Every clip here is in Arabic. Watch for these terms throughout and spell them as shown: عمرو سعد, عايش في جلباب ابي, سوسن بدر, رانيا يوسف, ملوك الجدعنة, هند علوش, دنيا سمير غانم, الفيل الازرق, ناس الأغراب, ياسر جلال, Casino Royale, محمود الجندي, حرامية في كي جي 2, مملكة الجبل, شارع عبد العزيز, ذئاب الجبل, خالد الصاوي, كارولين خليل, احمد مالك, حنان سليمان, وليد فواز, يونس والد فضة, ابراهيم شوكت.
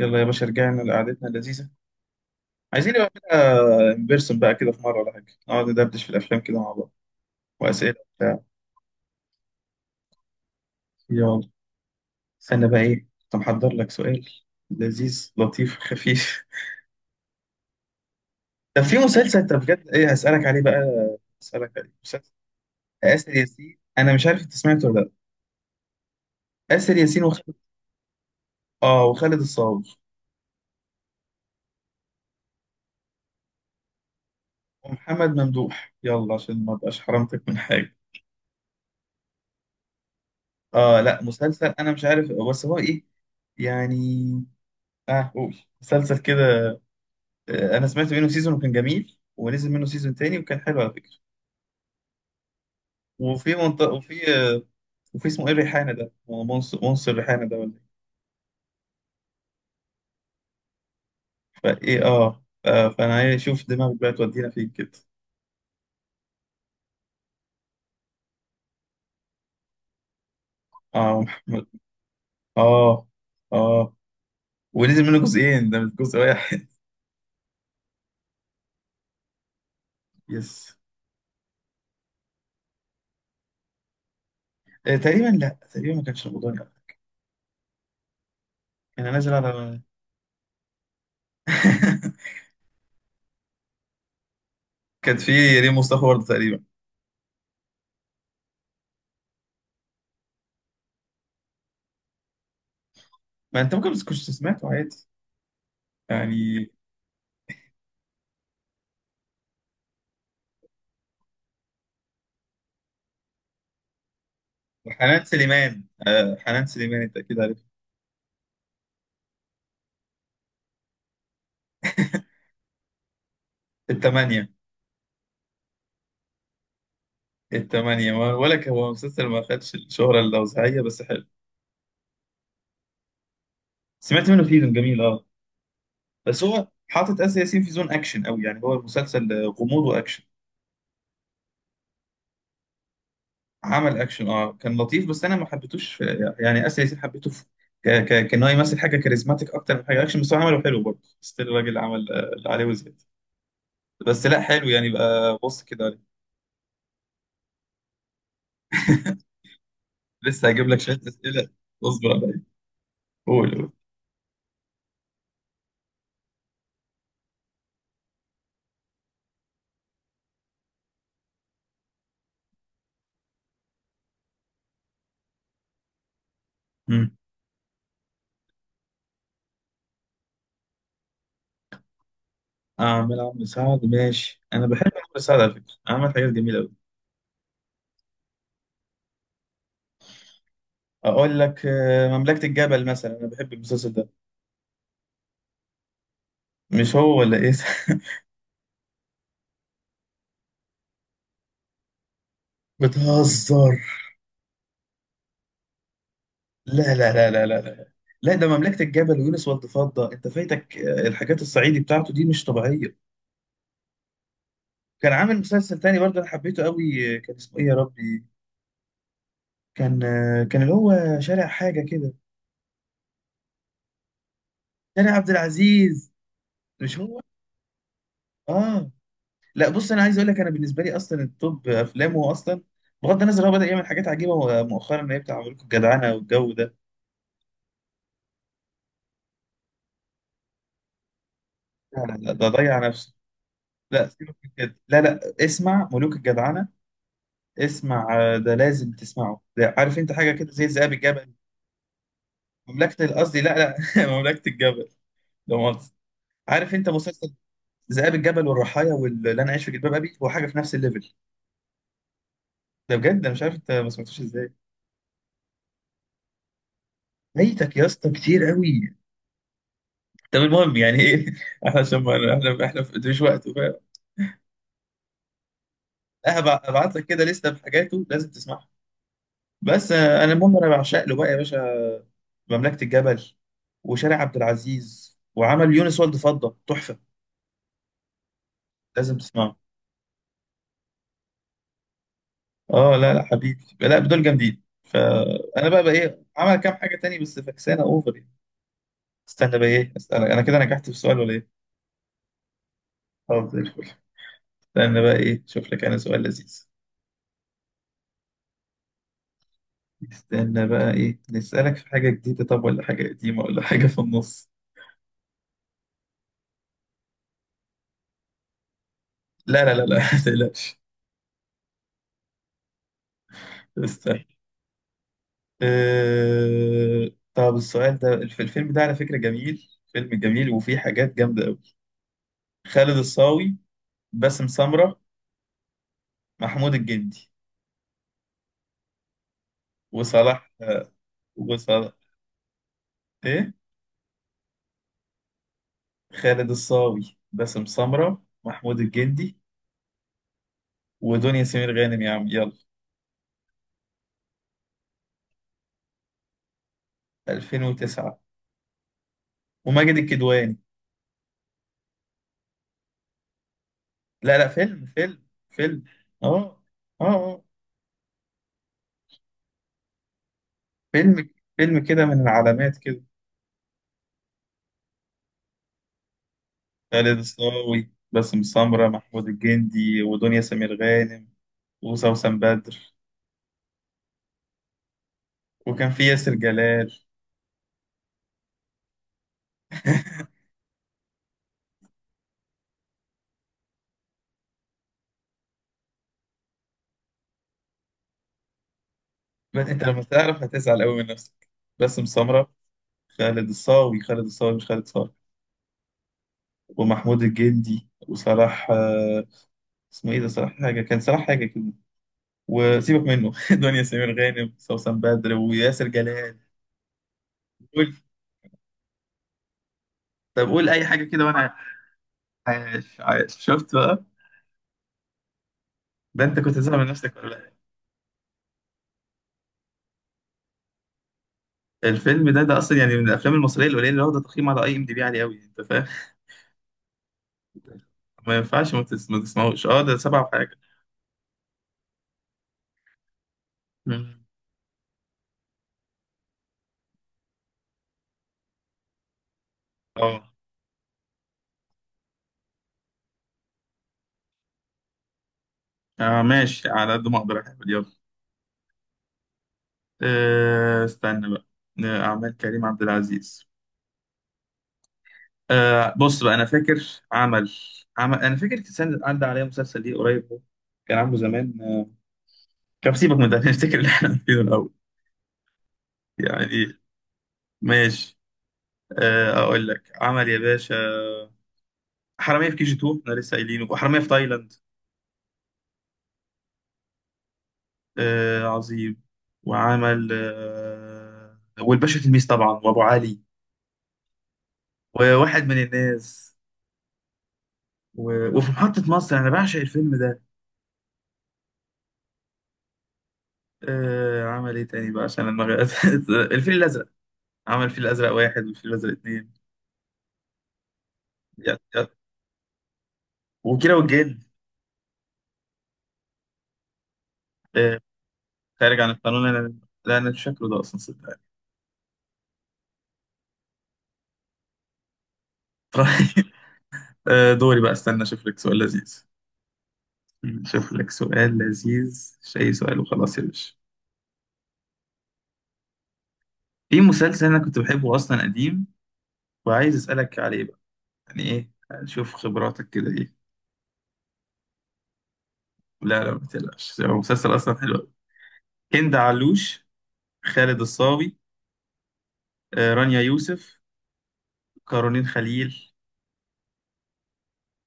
يلا يا باشا، رجعنا لقعدتنا اللذيذة. عايزين نبقى نعملها ان بيرسون بقى كده في مرة ولا حاجة، نقعد ندردش في الأفلام كده مع بعض وأسئلة وبتاع. يلا. استنى بقى إيه، كنت محضر لك سؤال لذيذ لطيف خفيف. طب في مسلسل، طب بجد إيه هسألك عليه بقى، هسألك عليه مسلسل. آسر ياسين، أنا مش عارف أنت سمعته ولا. لأ، آسر ياسين وخالد. آه وخالد الصاوي ومحمد ممدوح، يلا عشان ما أبقاش حرمتك من حاجة. آه لا، مسلسل، أنا مش عارف بس هو إيه يعني. آه، قول مسلسل كده. انا سمعت منه سيزون وكان جميل، ونزل منه سيزون تاني وكان حلو على فكره. وفي منطقه، وفي وفي اسمه ايه الريحانه ده، هو منصر منصر الريحانه ده ولا ايه، فايه فانا عايز اشوف دماغك بقى تودينا فين كده. اه، محمد. اه، اه. ونزل منه جزئين، ده مش جزء واحد. يس. تقريبا، لا تقريبا ما كانش رمضاني. كان نازل على كان في ريم مصطفى برضه تقريبا. ما انت ممكن، بس كنت سمعته عادي يعني. وحنان سليمان آه، حنان سليمان انت اكيد عارف. الثمانية. التمانية، ما ولا هو مسلسل ما خدش الشهرة اللوزعية بس حلو. سمعت منه سيزون جميل، اه. بس هو حاطط آسر ياسين في زون أكشن أوي، يعني هو المسلسل غموض وأكشن. عمل أكشن، اه، كان لطيف. بس أنا ما حبيتوش يعني آسر ياسين حبيته في كان هو يمثل حاجة كاريزماتيك أكتر من حاجة أكشن، بس هو عمله حلو برضه. ستيل الراجل عمل اللي عليه وزيادة. بس لا حلو يعني بقى، بص كده عليه. لسه هجيب لك شوية أسئلة، اصبر عليا. قول، قول. مم. أعمل عمرو سعد، ماشي. أنا بحب عمرو سعد على فكرة، عمل حاجات جميلة أوي. اقول لك مملكة الجبل مثلا، انا بحب المسلسل ده. مش هو ولا ايه. بتهزر. لا لا لا لا لا لا. لا، ده مملكة الجبل ويونس والد فضة، انت فايتك الحاجات الصعيدي بتاعته دي مش طبيعية. كان عامل مسلسل تاني برضه، انا حبيته قوي، كان اسمه ايه يا ربي. كان اللي هو شارع حاجة كده. شارع عبد العزيز، مش هو. اه. لا بص، انا عايز اقول لك انا بالنسبة لي اصلا التوب افلامه اصلا، بغض النظر. هو بدأ يعمل حاجات عجيبة مؤخرا، اللي هي بتاع ملوك الجدعنة والجو ده. لا لا لا، ده ضيع نفسه. لا سيبك من كده، لا لا، اسمع ملوك الجدعنة. اسمع، ده لازم تسمعه ده. عارف انت حاجة كده زي ذئاب الجبل. مملكة قصدي، لا لا، مملكة الجبل. ده مؤاخذة. عارف انت مسلسل ذئاب الجبل، والرحايا، واللي انا عايش في جلباب ابي. هو حاجة في نفس الليفل ده، بجد. انا مش عارف انت ما سمعتوش ازاي. فايتك يا اسطى كتير قوي. طب المهم يعني ايه احنا عشان ما احنا في مش وقت، فاهم. ابعت لك كده لسته بحاجاته لازم تسمعها. بس انا المهم انا بعشق له بقى يا باشا. مملكة الجبل، وشارع عبد العزيز، وعمل يونس والد فضة تحفة. لازم تسمعه. اه لا لا حبيبي، لا، دول جامدين. فانا بقى ايه، عمل كام حاجة تاني، بس فكسانة اوفر يعني. استنى بقى ايه، استنى، انا كده نجحت في سؤال ولا ايه. طب زي الفل. استنى بقى ايه، شوف لك انا سؤال لذيذ. استنى بقى ايه، نسألك في حاجة جديدة، طب، ولا حاجة قديمة، ولا حاجة في النص. لا لا لا لا، ما تقلقش. استنى. طب السؤال ده، الفيلم ده على فكرة جميل، فيلم جميل وفيه حاجات جامدة أوي. خالد الصاوي، باسم سمرة، محمود الجندي، وصلاح وصلاح إيه. خالد الصاوي، باسم سمرة، محمود الجندي، ودنيا سمير غانم، يا عم يلا. 2009، وماجد الكدواني. لا لا، فيلم فيلم فيلم. اه، اه، آه. فيلم، فيلم كده من العلامات كده. خالد الصاوي، باسم سمرة، محمود الجندي، ودنيا سمير غانم، وسوسن بدر، وكان في ياسر جلال. بس انت لما تعرف هتزعل قوي من نفسك. باسم سمرة، خالد الصاوي. خالد الصاوي مش خالد صاوي. ومحمود الجندي، وصلاح اسمه ايه ده، صلاح حاجة، كان صلاح حاجة كده. وسيبك منه دنيا سمير غانم، سوسن بدر، وياسر جلال. قول. طب قول اي حاجة كده وانا عايش، عايش، شفت بقى. ده انت كنت زعل من نفسك ولا لا. الفيلم ده اصلا يعني من الافلام المصريه القليله اللي واخده تقييم على اي ام دي بي عالي قوي، انت فاهم. ما ينفعش، ما تسمعوش. اه، ده سبعة وحاجه. مم. اه. ماشي، على قد ما اقدر يا حبيبي، يلا. استنى بقى، اعمال كريم عبد العزيز. بص بقى، انا فاكر. عمل عمل انا فاكر كان عدى عليا مسلسل ليه قريب، هو كان عامله زمان، كان سيبك من ده، نفتكر اللي احنا فيه الاول يعني. ماشي. اقول لك عمل يا باشا. حرامية في كي جي 2، احنا لسه قايلينه، وحرامية في تايلاند. آه عظيم. وعمل والباشا تلميذ طبعا، وابو علي، وواحد من الناس. وفي محطة مصر، انا بعشق الفيلم ده. عمل ايه تاني بقى عشان دماغي، الفيل الازرق. عمل الفيل الازرق واحد، والفيل الازرق اتنين. يا- يا- وكيرة والجن. آه، خارج عن القانون انا. لا، انا مش فاكره ده اصلا صدقني. طيب. آه دوري بقى، استنى اشوف لك سؤال لذيذ. شوف لك سؤال لذيذ، مش اي سؤال وخلاص يا باشا. في مسلسل انا كنت بحبه اصلا قديم، وعايز اسالك عليه بقى. يعني ايه، نشوف خبراتك كده ايه. لا لا، ما تقلقش، هو مسلسل اصلا حلو قوي. هند علوش، خالد الصاوي، رانيا يوسف، كارولين خليل.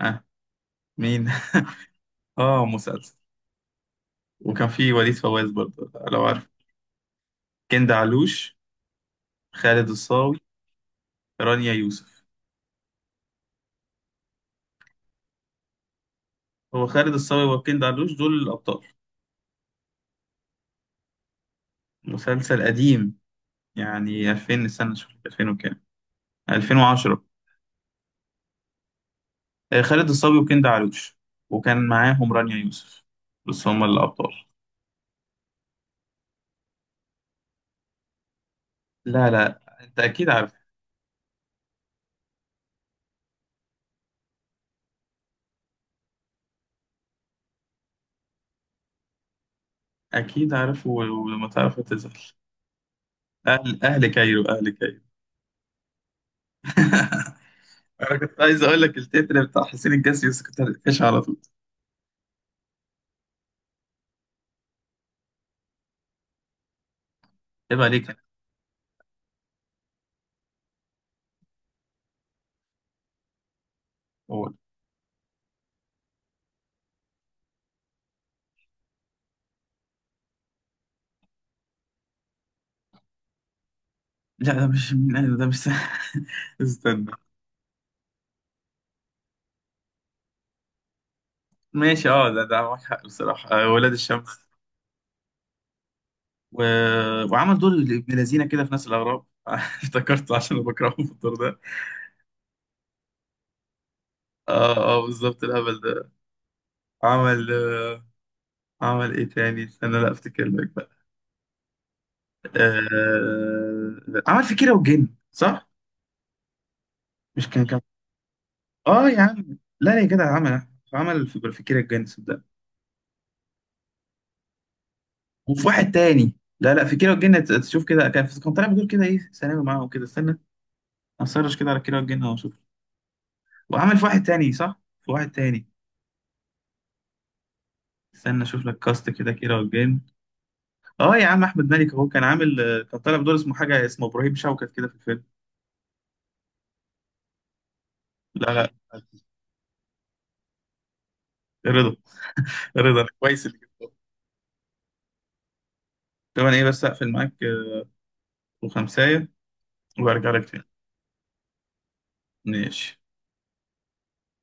اه. مين. اه مسلسل. وكان في وليد فواز برضه، لو عارف. هند علوش، خالد الصاوي، رانيا يوسف. هو خالد الصاوي وهند علوش دول الابطال. مسلسل قديم، يعني 2000 سنة، شوف 2000 وكام، 2010. خالد الصاوي وكند علوش، وكان معاهم رانيا يوسف، بس هم الأبطال. لا لا، أنت أكيد عارف. أكيد عارف، ولما تعرف هتزعل. أهل كايرو، أهل كايرو. أنا كنت عايز أقول لك التتر بتاع حسين الجسمي، بس كنت هتقفش على طول. عيب عليك أنا. أقول. لا ده مش من أهل، ده مش استنى. ماشي، ده معاك حق بصراحة، ولاد الشمس. و... وعمل دور ابن لذينه كده في ناس الأغراب، افتكرته عشان أنا بكرهه في الدور ده. اه اه، بالظبط الهبل ده. عمل عمل ايه تاني، استنى، لا افتكر لك بقى. عمل في كيرة والجن، صح. مش كان اه يا عم. لا لا يا جدع، عمل في كيرة والجن، صدق. وفي واحد تاني. لا لا، في كيرة والجن، تشوف كده، كان طالع بدور كده ايه ثانوي معاهم كده. استنى، هسرش كده على كيرة والجن واشوف. وعمل في واحد تاني صح، في واحد تاني. استنى اشوف لك كاست كده كيرة والجن. اه يا عم، احمد مالك اهو، كان عامل كان طالع بدور اسمه حاجه، اسمه ابراهيم شوكت كده في الفيلم. لا لا. رضا. رضا كويس اللي جبته. طب انا ايه، بس اقفل معاك وخمسايه، وارجع لك تاني. ماشي.